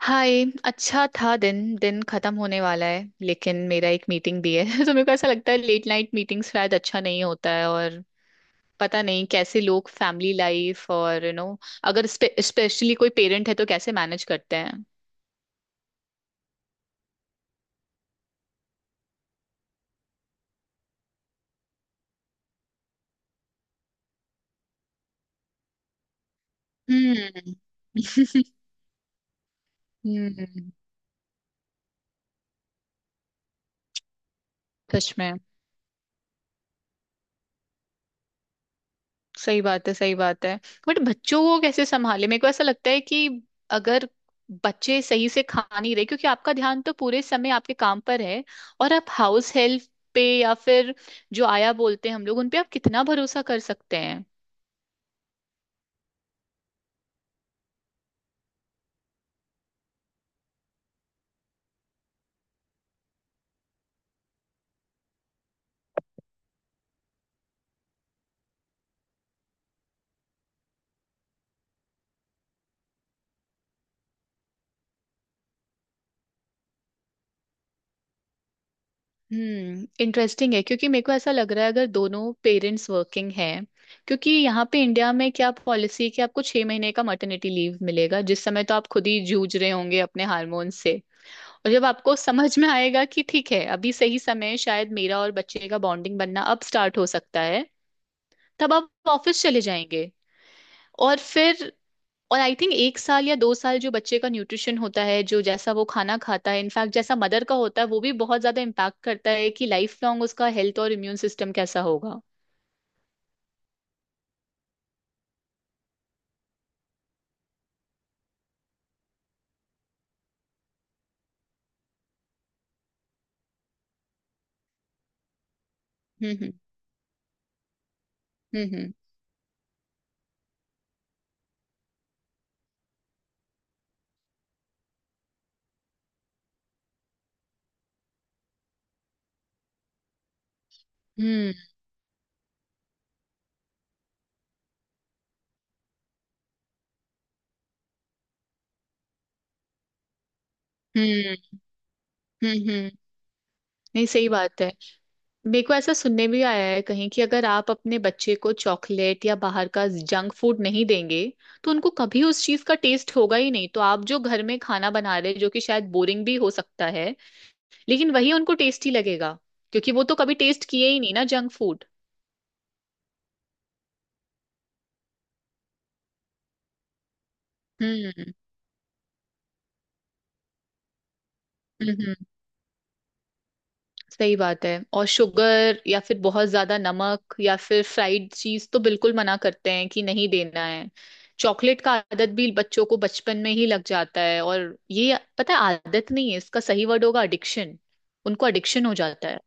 हाय। अच्छा था। दिन दिन खत्म होने वाला है, लेकिन मेरा एक मीटिंग भी है। तो मेरे को ऐसा लगता है लेट नाइट मीटिंग शायद अच्छा नहीं होता है, और पता नहीं कैसे लोग फैमिली लाइफ और यू you नो know, अगर स्पेशली कोई पेरेंट है तो कैसे मैनेज करते हैं। हम्म। हम्म। सच में। सही बात है, सही बात है। बट बच्चों को कैसे संभाले? मेरे को ऐसा लगता है कि अगर बच्चे सही से खा नहीं रहे क्योंकि आपका ध्यान तो पूरे समय आपके काम पर है, और आप हाउस हेल्प पे या फिर जो आया बोलते हैं हम लोग, उन पे आप कितना भरोसा कर सकते हैं? हम्म। इंटरेस्टिंग है क्योंकि मेरे को ऐसा लग रहा है अगर दोनों पेरेंट्स वर्किंग हैं, क्योंकि यहाँ पे इंडिया में क्या पॉलिसी है कि आपको 6 महीने का मटर्निटी लीव मिलेगा, जिस समय तो आप खुद ही जूझ रहे होंगे अपने हार्मोन से। और जब आपको समझ में आएगा कि ठीक है अभी सही समय है, शायद मेरा और बच्चे का बॉन्डिंग बनना अब स्टार्ट हो सकता है, तब आप ऑफिस चले जाएंगे। और फिर आई थिंक 1 साल या 2 साल जो बच्चे का न्यूट्रिशन होता है, जो जैसा वो खाना खाता है, इनफैक्ट जैसा मदर का होता है, वो भी बहुत ज्यादा इम्पैक्ट करता है कि लाइफ लॉन्ग उसका हेल्थ और इम्यून सिस्टम कैसा होगा। हम्म। हम्म। हम्म। हम्म। हम्म। हम्म। हम्म। हम्म। नहीं, सही बात है। मेरे को ऐसा सुनने भी आया है कहीं कि अगर आप अपने बच्चे को चॉकलेट या बाहर का जंक फूड नहीं देंगे तो उनको कभी उस चीज का टेस्ट होगा ही नहीं, तो आप जो घर में खाना बना रहे जो कि शायद बोरिंग भी हो सकता है लेकिन वही उनको टेस्टी लगेगा क्योंकि वो तो कभी टेस्ट किए ही नहीं ना जंक फूड। हम्म। हम्म। सही बात है। और शुगर या फिर बहुत ज्यादा नमक या फिर फ्राइड चीज तो बिल्कुल मना करते हैं कि नहीं देना है। चॉकलेट का आदत भी बच्चों को बचपन में ही लग जाता है, और ये पता है आदत नहीं है, इसका सही वर्ड होगा एडिक्शन। उनको एडिक्शन हो जाता है।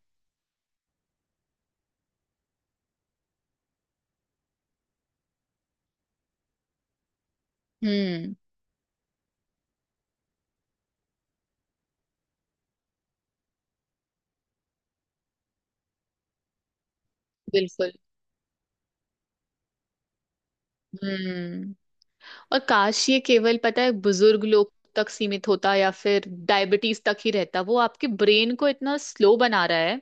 हम्म। बिल्कुल। हम्म। और काश ये केवल पता है बुजुर्ग लोग तक सीमित होता या फिर डायबिटीज तक ही रहता। वो आपके ब्रेन को इतना स्लो बना रहा है।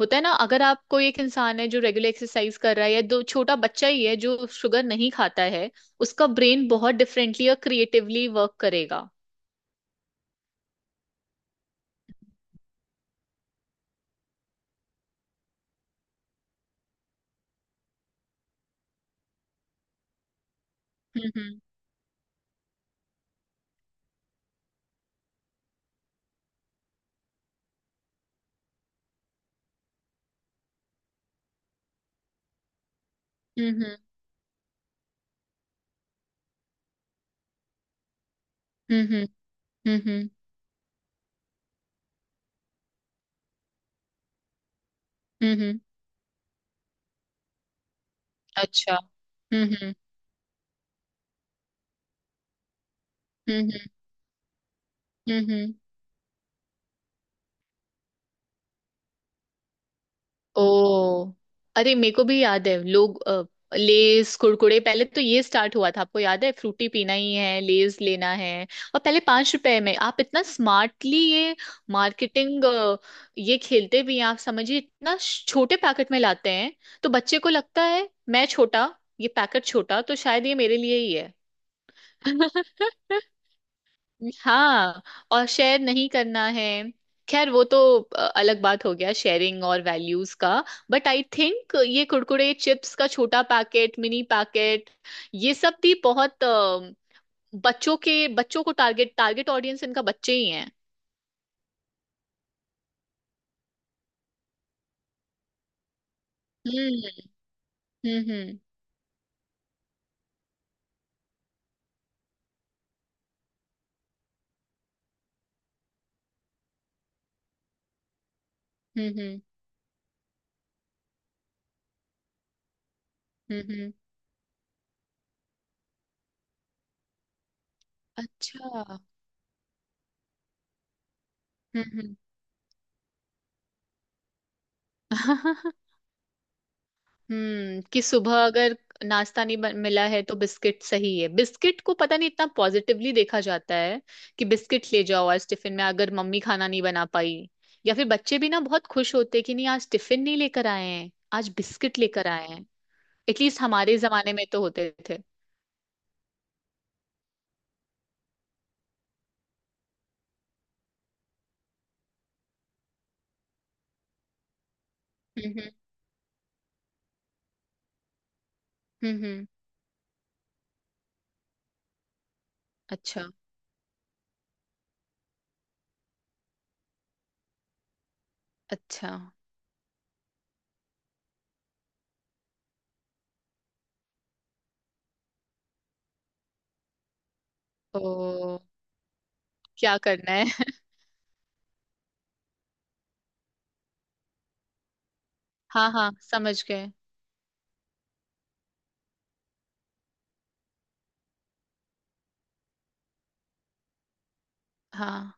होता है ना, अगर आप कोई एक इंसान है जो रेगुलर एक्सरसाइज कर रहा है या दो छोटा बच्चा ही है जो शुगर नहीं खाता है, उसका ब्रेन बहुत डिफरेंटली और क्रिएटिवली वर्क करेगा। हम्म। हम्म। हम्म। हम्म। हम्म। हम्म। हम्म। हम्म। अच्छा। हम्म। हम्म। हम्म। हम्म। हम्म। ओ, अरे मेरे को भी याद है लोग लेस कुरकुरे, पहले तो ये स्टार्ट हुआ था, आपको याद है? फ्रूटी पीना ही है, लेस लेना है। और पहले 5 रुपए में आप इतना स्मार्टली ये मार्केटिंग, ये खेलते भी हैं। आप समझिए इतना छोटे पैकेट में लाते हैं, तो बच्चे को लगता है मैं छोटा, ये पैकेट छोटा, तो शायद ये मेरे लिए ही है। हाँ, और शेयर नहीं करना है। खैर वो तो अलग बात हो गया, शेयरिंग और वैल्यूज का। बट आई थिंक ये कुरकुरे चिप्स का छोटा पैकेट, मिनी पैकेट, ये सब भी बहुत बच्चों को टारगेट टारगेट ऑडियंस इनका बच्चे ही हैं। हम्म। हम्म। हम्म। हम्म। हम्म। हम्म। अच्छा। हम्म। हम्म। हम्म। कि सुबह अगर नाश्ता नहीं मिला है तो बिस्किट सही है। बिस्किट को पता नहीं इतना पॉजिटिवली देखा जाता है कि बिस्किट ले जाओ आज टिफिन में अगर मम्मी खाना नहीं बना पाई, या फिर बच्चे भी ना बहुत खुश होते कि नहीं आज टिफिन नहीं लेकर आए हैं, आज बिस्किट लेकर आए हैं। एटलीस्ट हमारे जमाने में तो होते थे। हम्म। हम्म। हम्म। अच्छा। अच्छा। ओ, क्या करना है? हाँ, हाँ, समझ गए। हाँ।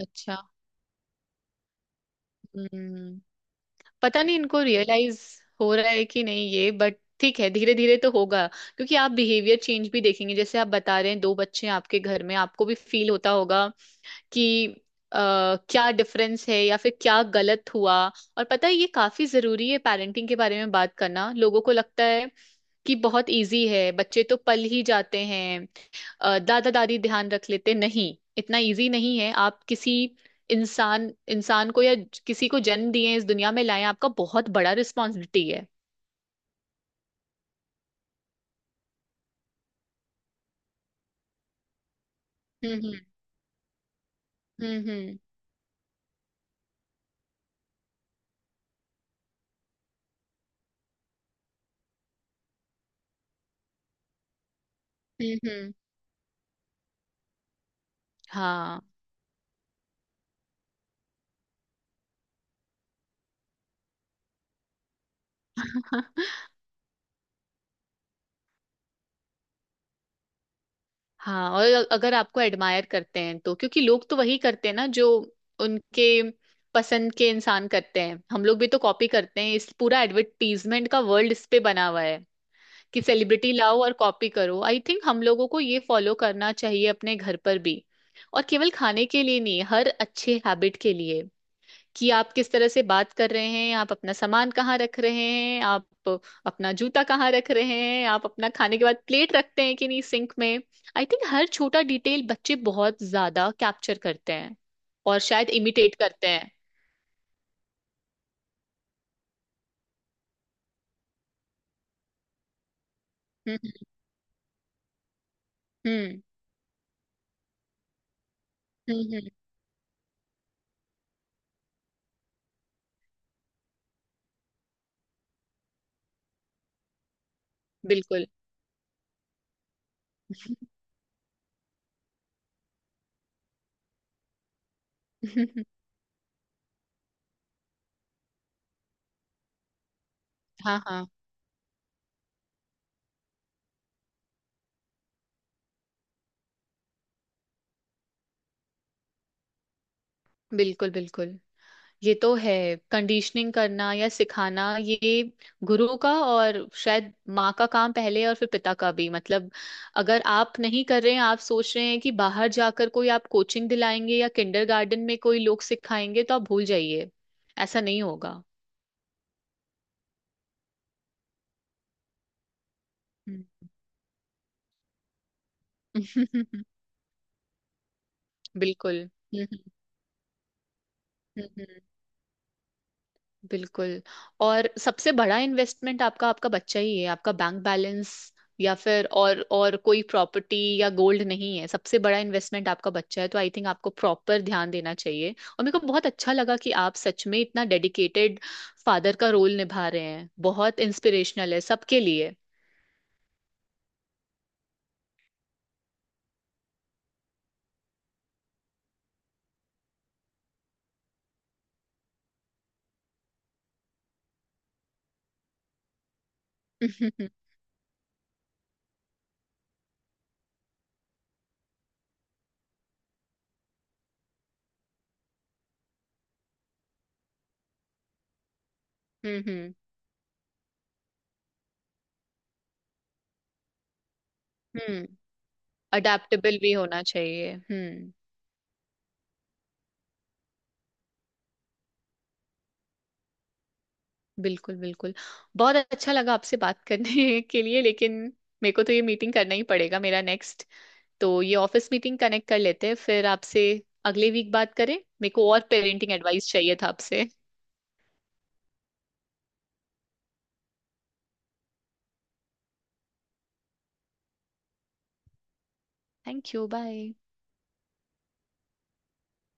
अच्छा। हम्म। पता नहीं इनको रियलाइज हो रहा है कि नहीं, ये बट ठीक है, धीरे धीरे तो होगा क्योंकि आप बिहेवियर चेंज भी देखेंगे। जैसे आप बता रहे हैं दो बच्चे हैं आपके घर में, आपको भी फील होता होगा कि क्या डिफरेंस है या फिर क्या गलत हुआ। और पता है ये काफी जरूरी है पेरेंटिंग के बारे में बात करना। लोगों को लगता है कि बहुत इजी है, बच्चे तो पल ही जाते हैं, दादा दादी ध्यान रख लेते, नहीं इतना इजी नहीं है। आप किसी इंसान इंसान को या किसी को जन्म दिए इस दुनिया में लाए, आपका बहुत बड़ा रिस्पॉन्सिबिलिटी है। हम्म। हम्म। हम्म। हम्म। हम्म। हम्म। हाँ। हाँ, और अगर आपको एडमायर करते हैं तो, क्योंकि लोग तो वही करते हैं ना जो उनके पसंद के इंसान करते हैं। हम लोग भी तो कॉपी करते हैं, इस पूरा एडवर्टीजमेंट का वर्ल्ड इस पे बना हुआ है कि सेलिब्रिटी लाओ और कॉपी करो। आई थिंक हम लोगों को ये फॉलो करना चाहिए अपने घर पर भी। और केवल खाने के लिए नहीं, हर अच्छे हैबिट के लिए, कि आप किस तरह से बात कर रहे हैं, आप अपना सामान कहाँ रख रहे हैं, आप अपना जूता कहाँ रख रहे हैं, आप अपना खाने के बाद प्लेट रखते हैं कि नहीं सिंक में। आई थिंक हर छोटा डिटेल बच्चे बहुत ज्यादा कैप्चर करते हैं, और शायद इमिटेट करते हैं। हम्म। हम्म। हम्म। हम्म। बिल्कुल। हाँ, हाँ, बिल्कुल बिल्कुल, ये तो है। कंडीशनिंग करना या सिखाना, ये गुरु का और शायद माँ का काम पहले, और फिर पिता का भी। मतलब अगर आप नहीं कर रहे हैं, आप सोच रहे हैं कि बाहर जाकर कोई आप कोचिंग दिलाएंगे या किंडरगार्टन में कोई लोग सिखाएंगे, तो आप भूल जाइए, ऐसा नहीं होगा। हम्म। बिल्कुल। हम्म। हम्म। हम्म। बिल्कुल। और सबसे बड़ा इन्वेस्टमेंट आपका आपका बच्चा ही है। आपका बैंक बैलेंस या फिर और कोई प्रॉपर्टी या गोल्ड नहीं है, सबसे बड़ा इन्वेस्टमेंट आपका बच्चा है, तो आई थिंक आपको प्रॉपर ध्यान देना चाहिए। और मेरे को बहुत अच्छा लगा कि आप सच में इतना डेडिकेटेड फादर का रोल निभा रहे हैं, बहुत इंस्पिरेशनल है सबके लिए। हम्म। हम्म। हम्म। अडेप्टेबल भी होना चाहिए। हम्म। बिल्कुल बिल्कुल, बहुत अच्छा लगा आपसे बात करने के लिए, लेकिन मेरे को तो ये मीटिंग करना ही पड़ेगा मेरा नेक्स्ट। तो ये ऑफिस मीटिंग कनेक्ट कर लेते हैं, फिर आपसे अगले वीक बात करें। मेरे को और पेरेंटिंग एडवाइस चाहिए था आपसे। Thank you. बाय।